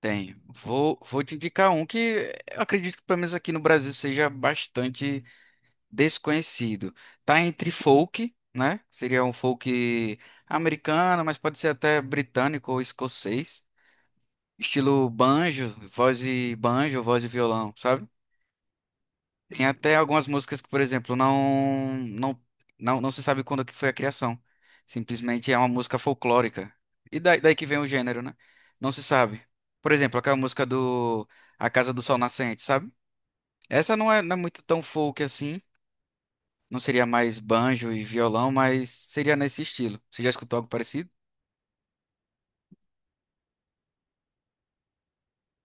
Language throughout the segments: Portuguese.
Tenho. Vou te indicar um que eu acredito que pelo menos aqui no Brasil seja bastante desconhecido. Tá entre folk, né? Seria um folk americano, mas pode ser até britânico ou escocês. Estilo banjo, voz e violão, sabe? Tem até algumas músicas que, por exemplo, não se sabe quando que foi a criação. Simplesmente é uma música folclórica. E daí que vem o gênero, né? Não se sabe. Por exemplo, aquela música do A Casa do Sol Nascente, sabe? Essa não é muito tão folk assim. Não seria mais banjo e violão, mas seria nesse estilo. Você já escutou algo parecido?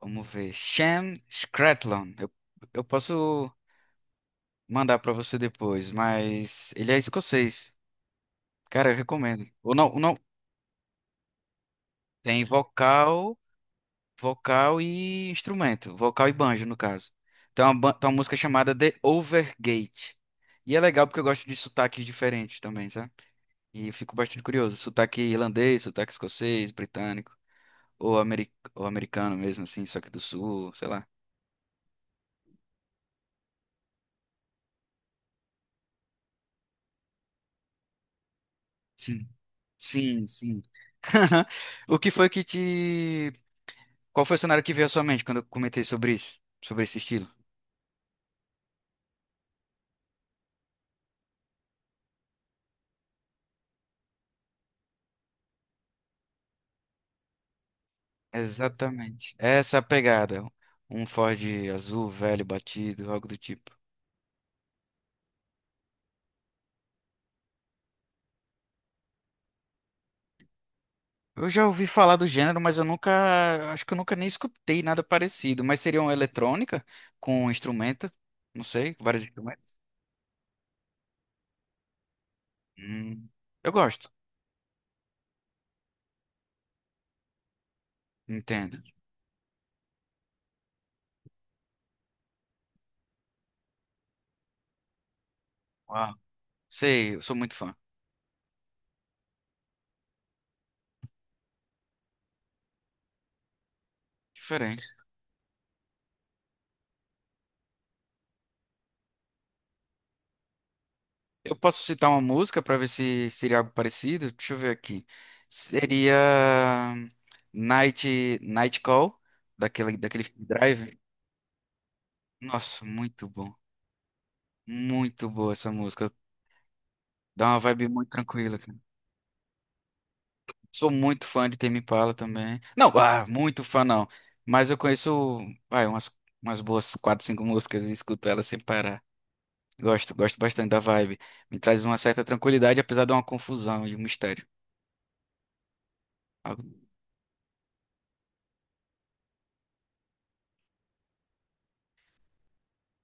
Vamos ver. Shan Scratlon. Eu posso mandar pra você depois, mas ele é escocês. Cara, eu recomendo. Ou não. Tem vocal, vocal e instrumento, vocal e banjo, no caso. Tem uma música chamada The Overgate. E é legal porque eu gosto de sotaques diferentes também, sabe? E eu fico bastante curioso. Sotaque irlandês, sotaque escocês, britânico, ou americano mesmo, assim, só que do sul, sei lá. Sim, sim, sim. O que foi que te. Qual foi o cenário que veio à sua mente quando eu comentei sobre isso? Sobre esse estilo? Exatamente. Essa é a pegada. Um Ford azul, velho, batido, algo do tipo. Eu já ouvi falar do gênero, mas eu nunca. Acho que eu nunca nem escutei nada parecido. Mas seria uma eletrônica com um instrumento, não sei, vários instrumentos. Hum, eu gosto. Entendo. Uau. Sei, eu sou muito fã. Diferente. Eu posso citar uma música para ver se seria algo parecido? Deixa eu ver aqui. Seria Night Call, daquele filme Drive. Nossa, muito bom. Muito boa essa música. Dá uma vibe muito tranquila, cara. Sou muito fã de Tame Impala também. Não, ah, muito fã não. Mas eu conheço, vai, umas boas quatro, cinco músicas e escuto elas sem parar. Gosto, gosto bastante da vibe. Me traz uma certa tranquilidade, apesar de uma confusão e um mistério.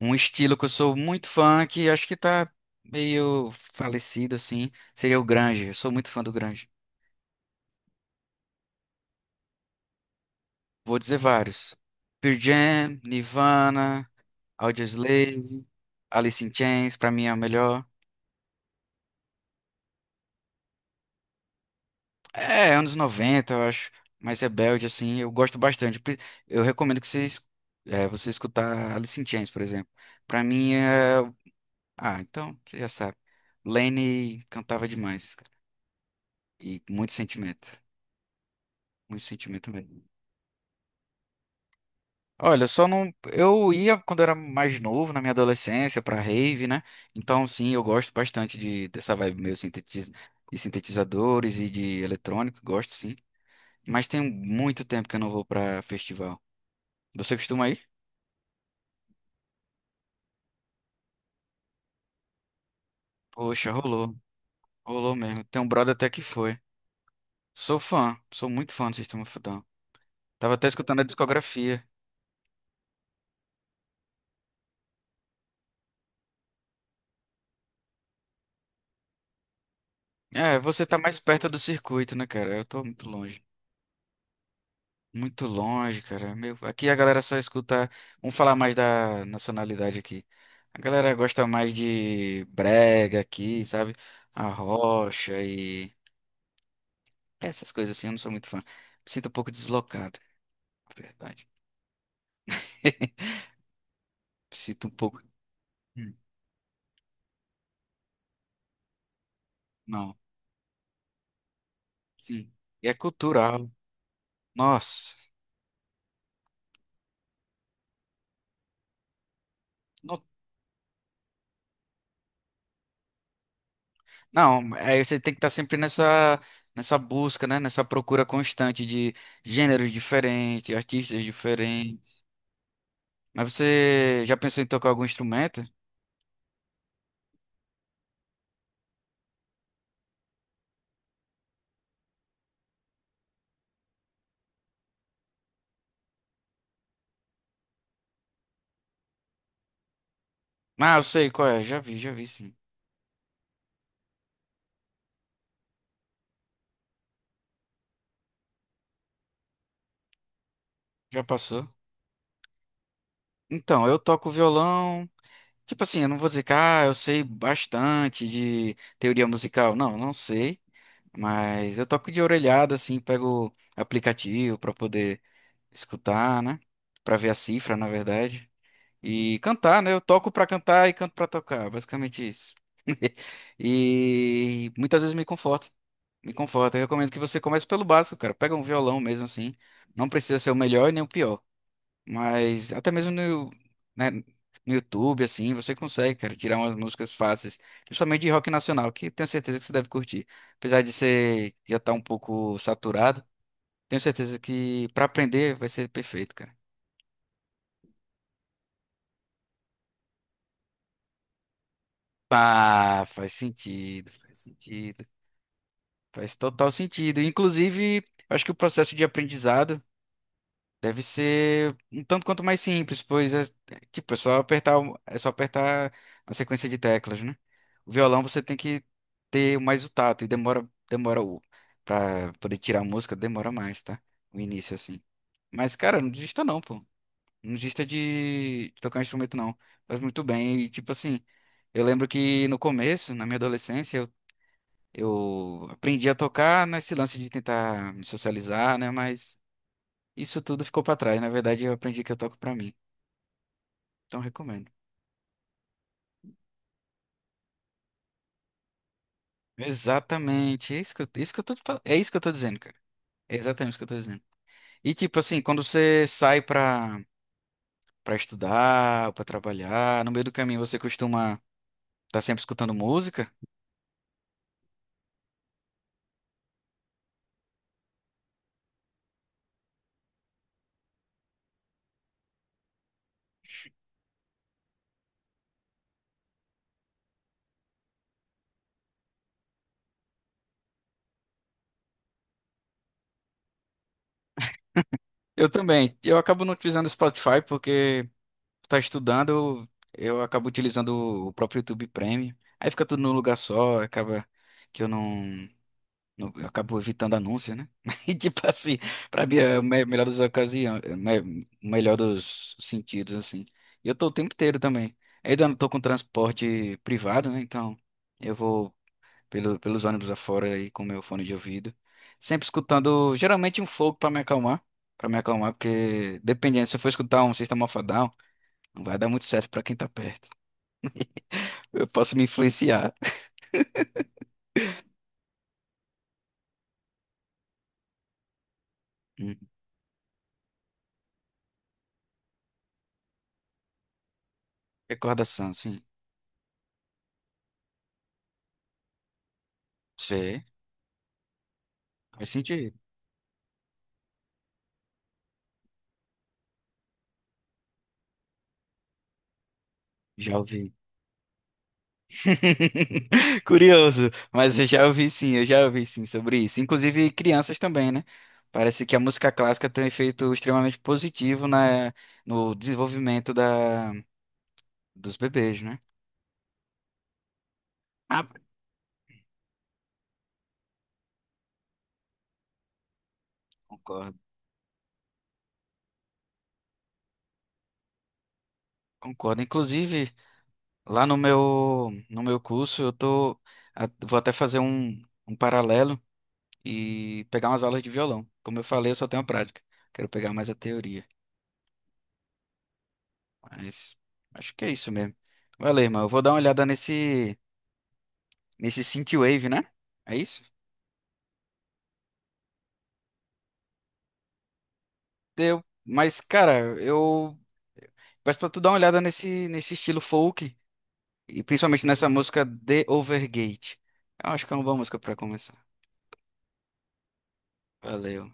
Um estilo que eu sou muito fã, que acho que tá meio falecido, assim, seria o Grunge. Eu sou muito fã do Grunge. Vou dizer vários. Pearl Jam, Nirvana... Audioslave, Alice in Chains, pra mim é a melhor. É, anos 90, eu acho, mais rebelde, assim, eu gosto bastante. Eu recomendo que você escutar Alice in Chains, por exemplo. Pra mim é... Ah, então, você já sabe. Lane cantava demais, cara. E muito sentimento mesmo. Olha, só não... Eu ia quando era mais novo, na minha adolescência, pra rave, né? Então, sim, eu gosto bastante de, dessa vibe meio sintetiz... de sintetizadores e de eletrônico, gosto, sim. Mas tem muito tempo que eu não vou pra festival. Você costuma ir? Poxa, rolou. Rolou mesmo. Tem um brother até que foi. Sou fã. Sou muito fã do Sistema fudão. Tava até escutando a discografia. É, você tá mais perto do circuito, né, cara? Eu tô muito longe. Muito longe, cara. Meu, aqui a galera só escuta. Vamos falar mais da nacionalidade aqui. A galera gosta mais de brega aqui, sabe? A rocha e essas coisas assim. Eu não sou muito fã. Me sinto um pouco deslocado, na verdade. Sinto um pouco. Hum. Não. Sim. E é cultural. Nossa. Não, não, aí você tem que estar sempre nessa busca, né? Nessa procura constante de gêneros diferentes, artistas diferentes. Mas você já pensou em tocar algum instrumento? Ah, eu sei qual é. Já vi, sim. Já passou. Então, eu toco violão. Tipo assim, eu não vou dizer que ah, eu sei bastante de teoria musical. Não, não sei. Mas eu toco de orelhada, assim, pego aplicativo para poder escutar, né? Pra ver a cifra, na verdade. E cantar, né? Eu toco pra cantar e canto pra tocar, basicamente isso. E muitas vezes me conforta, me conforta. Eu recomendo que você comece pelo básico, cara. Pega um violão mesmo assim. Não precisa ser o melhor e nem o pior, mas até mesmo no, né, no YouTube assim, você consegue, cara, tirar umas músicas fáceis, principalmente de rock nacional, que tenho certeza que você deve curtir. Apesar de ser já estar um pouco saturado, tenho certeza que pra aprender vai ser perfeito, cara. Ah, faz sentido, faz sentido, faz total sentido. Inclusive, eu acho que o processo de aprendizado deve ser um tanto quanto mais simples, pois é, tipo, é só apertar, é só apertar uma sequência de teclas, né? O violão você tem que ter mais o tato e demora, demora o para poder tirar a música, demora mais, tá? O início assim. Mas cara, não desista não, pô. Não desista de tocar um instrumento não. Faz muito bem e tipo assim, eu lembro que no começo, na minha adolescência, eu aprendi a tocar nesse lance de tentar me socializar, né? Mas isso tudo ficou pra trás. Na verdade, eu aprendi que eu toco pra mim. Então, recomendo. Exatamente. É isso que eu tô, te fal- é isso que eu tô dizendo, cara. É exatamente isso que eu tô dizendo. E, tipo assim, quando você sai pra, pra estudar, pra trabalhar, no meio do caminho você costuma estar sempre escutando música? Eu também. Eu acabo não utilizando o Spotify porque. Tá estudando, eu acabo utilizando o próprio YouTube Premium. Aí fica tudo num lugar só, acaba que eu não, eu acabo evitando anúncios, né? E tipo assim, pra mim é melhor das ocasiões, é o melhor dos sentidos, assim. E eu tô o tempo inteiro também. Ainda não tô com transporte privado, né? Então eu vou pelos ônibus afora aí com meu fone de ouvido. Sempre escutando, geralmente um folk pra me acalmar. Pra me acalmar, porque dependendo, se eu for escutar um System of a Down, não vai dar muito certo pra quem tá perto. Eu posso me influenciar. Hum. Recordação, sim. Você faz sentido. Já ouvi. Curioso, mas eu já ouvi sim, eu já ouvi sim sobre isso. Inclusive crianças também, né? Parece que a música clássica tem um efeito extremamente positivo no desenvolvimento dos bebês, né? Ah, concordo, concordo. Inclusive, lá no meu curso, eu tô, vou até fazer um paralelo. E pegar umas aulas de violão. Como eu falei, eu só tenho a prática. Quero pegar mais a teoria. Mas acho que é isso mesmo. Valeu, irmão. Eu vou dar uma olhada nesse Synthwave, né? É isso? Deu. Mas, cara, eu peço pra tu dar uma olhada nesse estilo folk. E principalmente nessa música The Overgate. Eu acho que é uma boa música pra começar. Valeu.